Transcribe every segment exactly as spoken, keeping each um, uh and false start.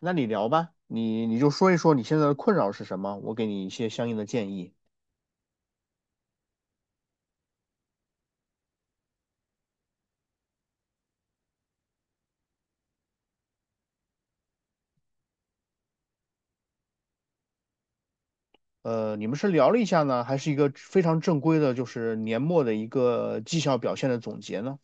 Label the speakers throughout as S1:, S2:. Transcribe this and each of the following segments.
S1: 那你聊吧，你你就说一说你现在的困扰是什么，我给你一些相应的建议。呃，你们是聊了一下呢，还是一个非常正规的，就是年末的一个绩效表现的总结呢？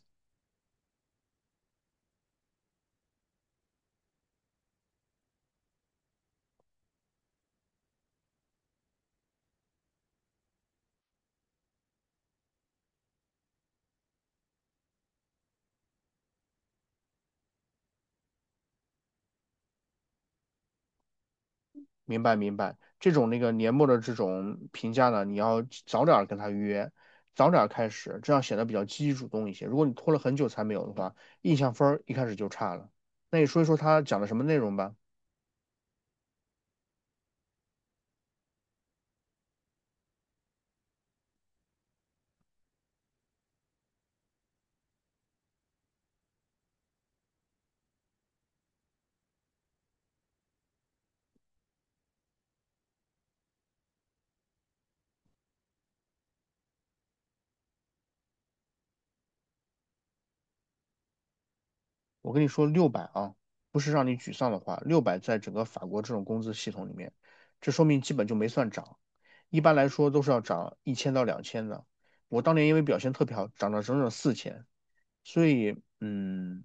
S1: 明白明白，这种那个年末的这种评价呢，你要早点儿跟他约，早点儿开始，这样显得比较积极主动一些。如果你拖了很久才没有的话，印象分儿一开始就差了。那你说一说他讲了什么内容吧。我跟你说，六百啊，不是让你沮丧的话，六百在整个法国这种工资系统里面，这说明基本就没算涨。一般来说都是要涨一千到两千的。我当年因为表现特别好，涨了整整四千，所以嗯，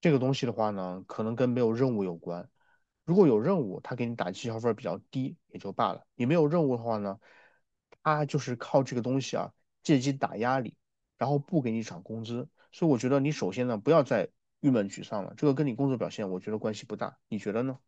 S1: 这个东西的话呢，可能跟没有任务有关。如果有任务，他给你打绩效分儿比较低也就罢了。你没有任务的话呢，他就是靠这个东西啊，借机打压你，然后不给你涨工资。所以我觉得你首先呢，不要再郁闷沮丧了，这个跟你工作表现我觉得关系不大。你觉得呢？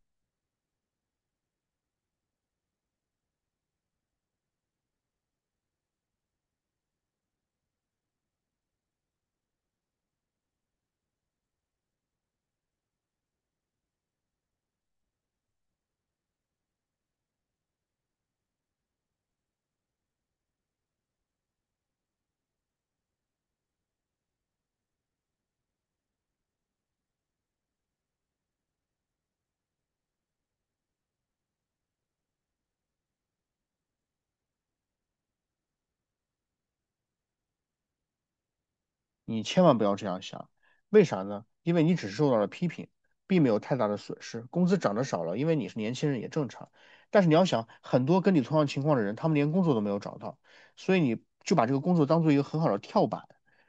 S1: 你千万不要这样想，为啥呢？因为你只是受到了批评，并没有太大的损失。工资涨得少了，因为你是年轻人也正常。但是你要想，很多跟你同样情况的人，他们连工作都没有找到，所以你就把这个工作当做一个很好的跳板，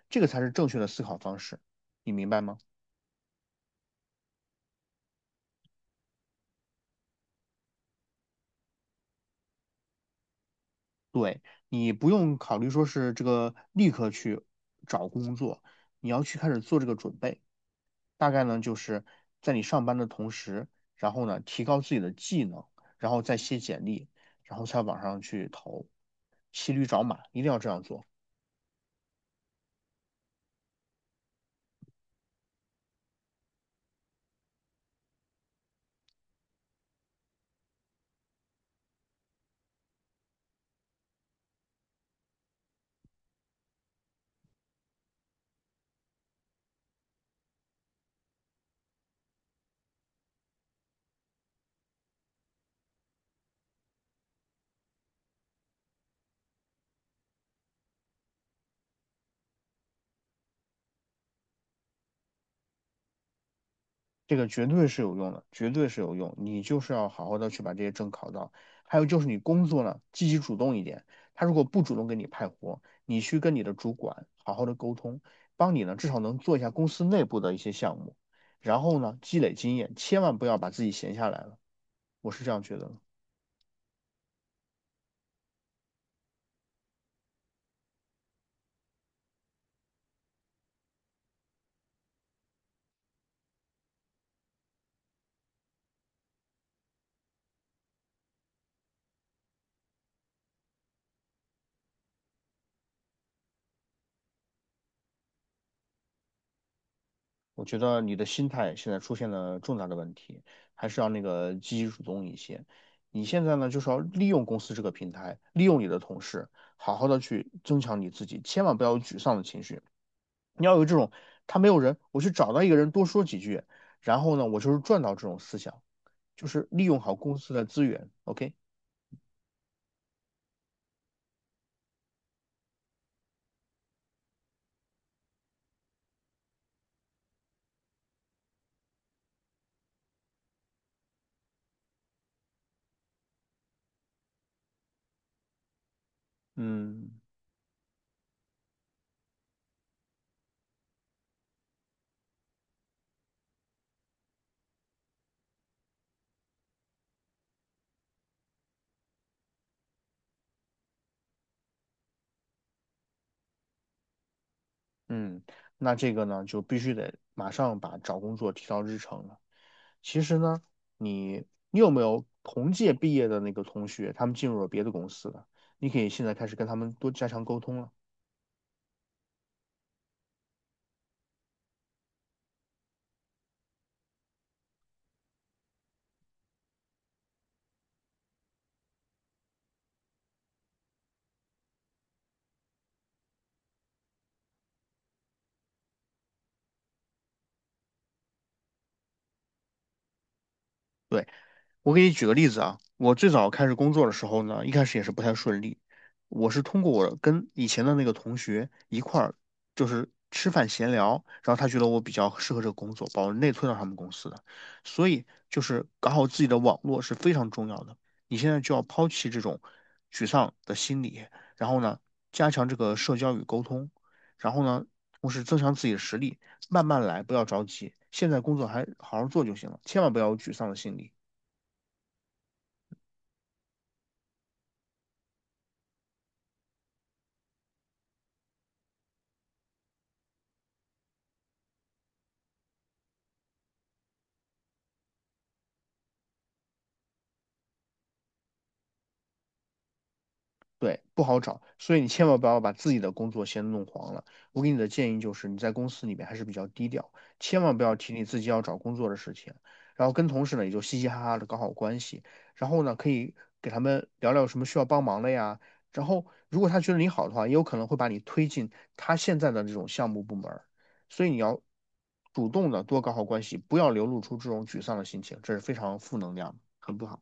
S1: 这个才是正确的思考方式，你明白吗？对，你不用考虑说是这个立刻去找工作，你要去开始做这个准备。大概呢就是在你上班的同时，然后呢提高自己的技能，然后再写简历，然后在网上去投，骑驴找马，一定要这样做，这个绝对是有用的，绝对是有用。你就是要好好的去把这些证考到，还有就是你工作呢积极主动一点，他如果不主动给你派活，你去跟你的主管好好的沟通，帮你呢至少能做一下公司内部的一些项目，然后呢积累经验，千万不要把自己闲下来了，我是这样觉得的。我觉得你的心态现在出现了重大的问题，还是要那个积极主动一些。你现在呢，就是要利用公司这个平台，利用你的同事，好好的去增强你自己，千万不要有沮丧的情绪。你要有这种，他没有人，我去找到一个人多说几句，然后呢，我就是赚到这种思想，就是利用好公司的资源。OK,嗯。嗯，那这个呢，就必须得马上把找工作提到日程了。其实呢，你你有没有同届毕业的那个同学，他们进入了别的公司了？你可以现在开始跟他们多加强沟通了。对。我给你举个例子啊，我最早开始工作的时候呢，一开始也是不太顺利。我是通过我跟以前的那个同学一块儿，就是吃饭闲聊，然后他觉得我比较适合这个工作，把我内推到他们公司的。所以就是搞好自己的网络是非常重要的。你现在就要抛弃这种沮丧的心理，然后呢，加强这个社交与沟通，然后呢，同时增强自己的实力，慢慢来，不要着急。现在工作还好好做就行了，千万不要有沮丧的心理。对，不好找，所以你千万不要把自己的工作先弄黄了。我给你的建议就是，你在公司里面还是比较低调，千万不要提你自己要找工作的事情，然后跟同事呢也就嘻嘻哈哈的搞好关系，然后呢可以给他们聊聊有什么需要帮忙的呀。然后如果他觉得你好的话，也有可能会把你推进他现在的这种项目部门儿所以你要主动的多搞好关系，不要流露出这种沮丧的心情，这是非常负能量的很不好。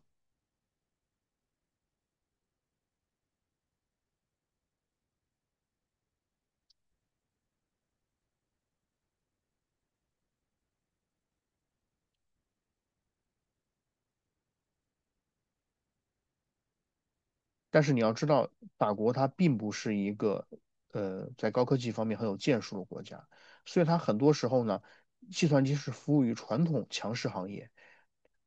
S1: 但是你要知道，法国它并不是一个呃在高科技方面很有建树的国家，所以它很多时候呢，计算机是服务于传统强势行业，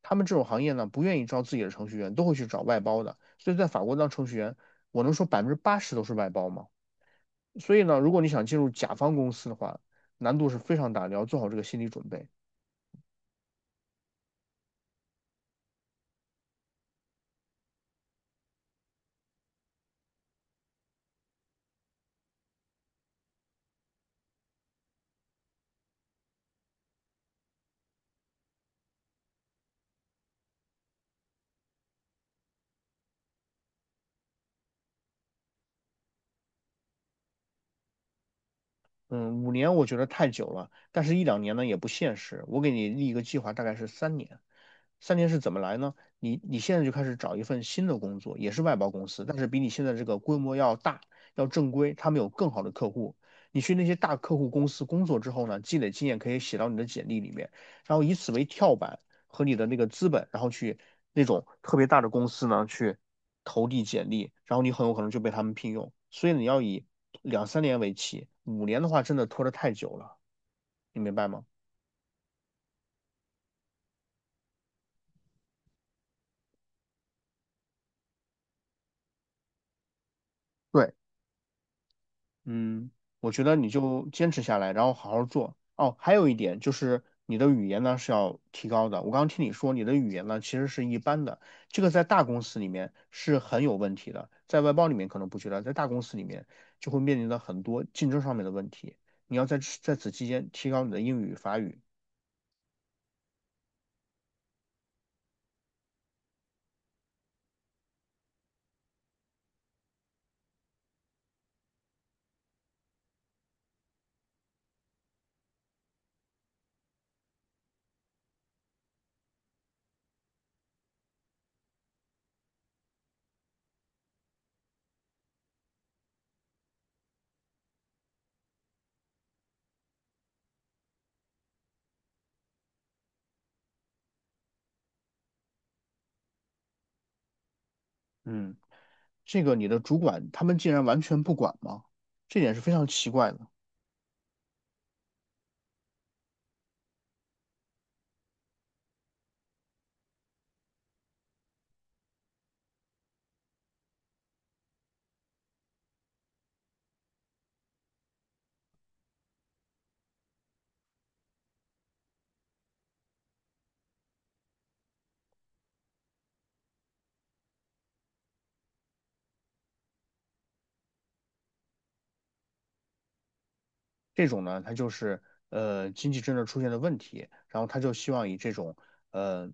S1: 他们这种行业呢不愿意招自己的程序员，都会去找外包的。所以在法国当程序员，我能说百分之八十都是外包吗？所以呢，如果你想进入甲方公司的话，难度是非常大的，要做好这个心理准备。嗯，五年我觉得太久了，但是一两年呢也不现实。我给你立一个计划，大概是三年。三年是怎么来呢？你你现在就开始找一份新的工作，也是外包公司，但是比你现在这个规模要大，要正规，他们有更好的客户。你去那些大客户公司工作之后呢，积累经验可以写到你的简历里面，然后以此为跳板和你的那个资本，然后去那种特别大的公司呢去投递简历，然后你很有可能就被他们聘用。所以你要以两三年为期，五年的话真的拖得太久了，你明白吗？对。嗯，我觉得你就坚持下来，然后好好做。哦，还有一点就是你的语言呢是要提高的。我刚刚听你说你的语言呢其实是一般的，这个在大公司里面是很有问题的，在外包里面可能不觉得，在大公司里面就会面临到很多竞争上面的问题。你要在此在此期间提高你的英语、法语。嗯，这个你的主管他们竟然完全不管吗？这点是非常奇怪的。这种呢，它就是呃经济政策出现了问题，然后他就希望以这种呃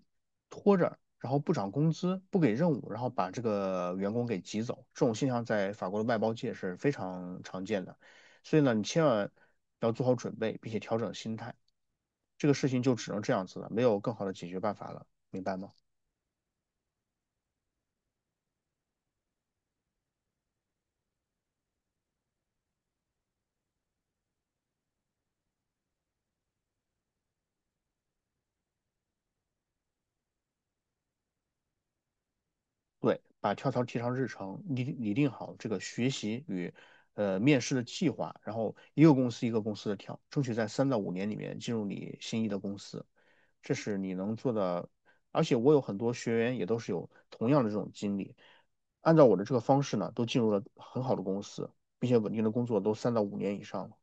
S1: 拖着，然后不涨工资、不给任务，然后把这个员工给挤走，这种现象在法国的外包界是非常常见的。所以呢，你千万要做好准备，并且调整心态。这个事情就只能这样子了，没有更好的解决办法了，明白吗？对，把跳槽提上日程，拟拟定好这个学习与呃面试的计划，然后一个公司一个公司的跳，争取在三到五年里面进入你心仪的公司，这是你能做的。而且我有很多学员也都是有同样的这种经历，按照我的这个方式呢，都进入了很好的公司，并且稳定的工作都三到五年以上了。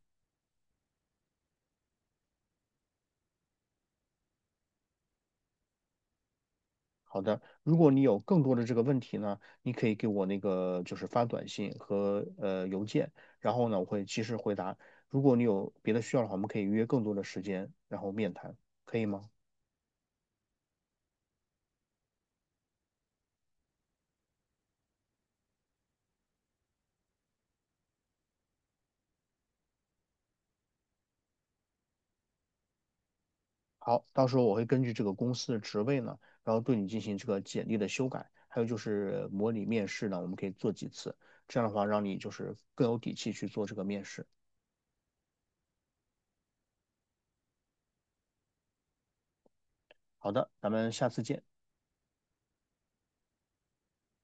S1: 好的，如果你有更多的这个问题呢，你可以给我那个就是发短信和呃邮件，然后呢我会及时回答。如果你有别的需要的话，我们可以约更多的时间，然后面谈，可以吗？好，到时候我会根据这个公司的职位呢，然后对你进行这个简历的修改，还有就是模拟面试呢，我们可以做几次，这样的话让你就是更有底气去做这个面试。好的，咱们下次见。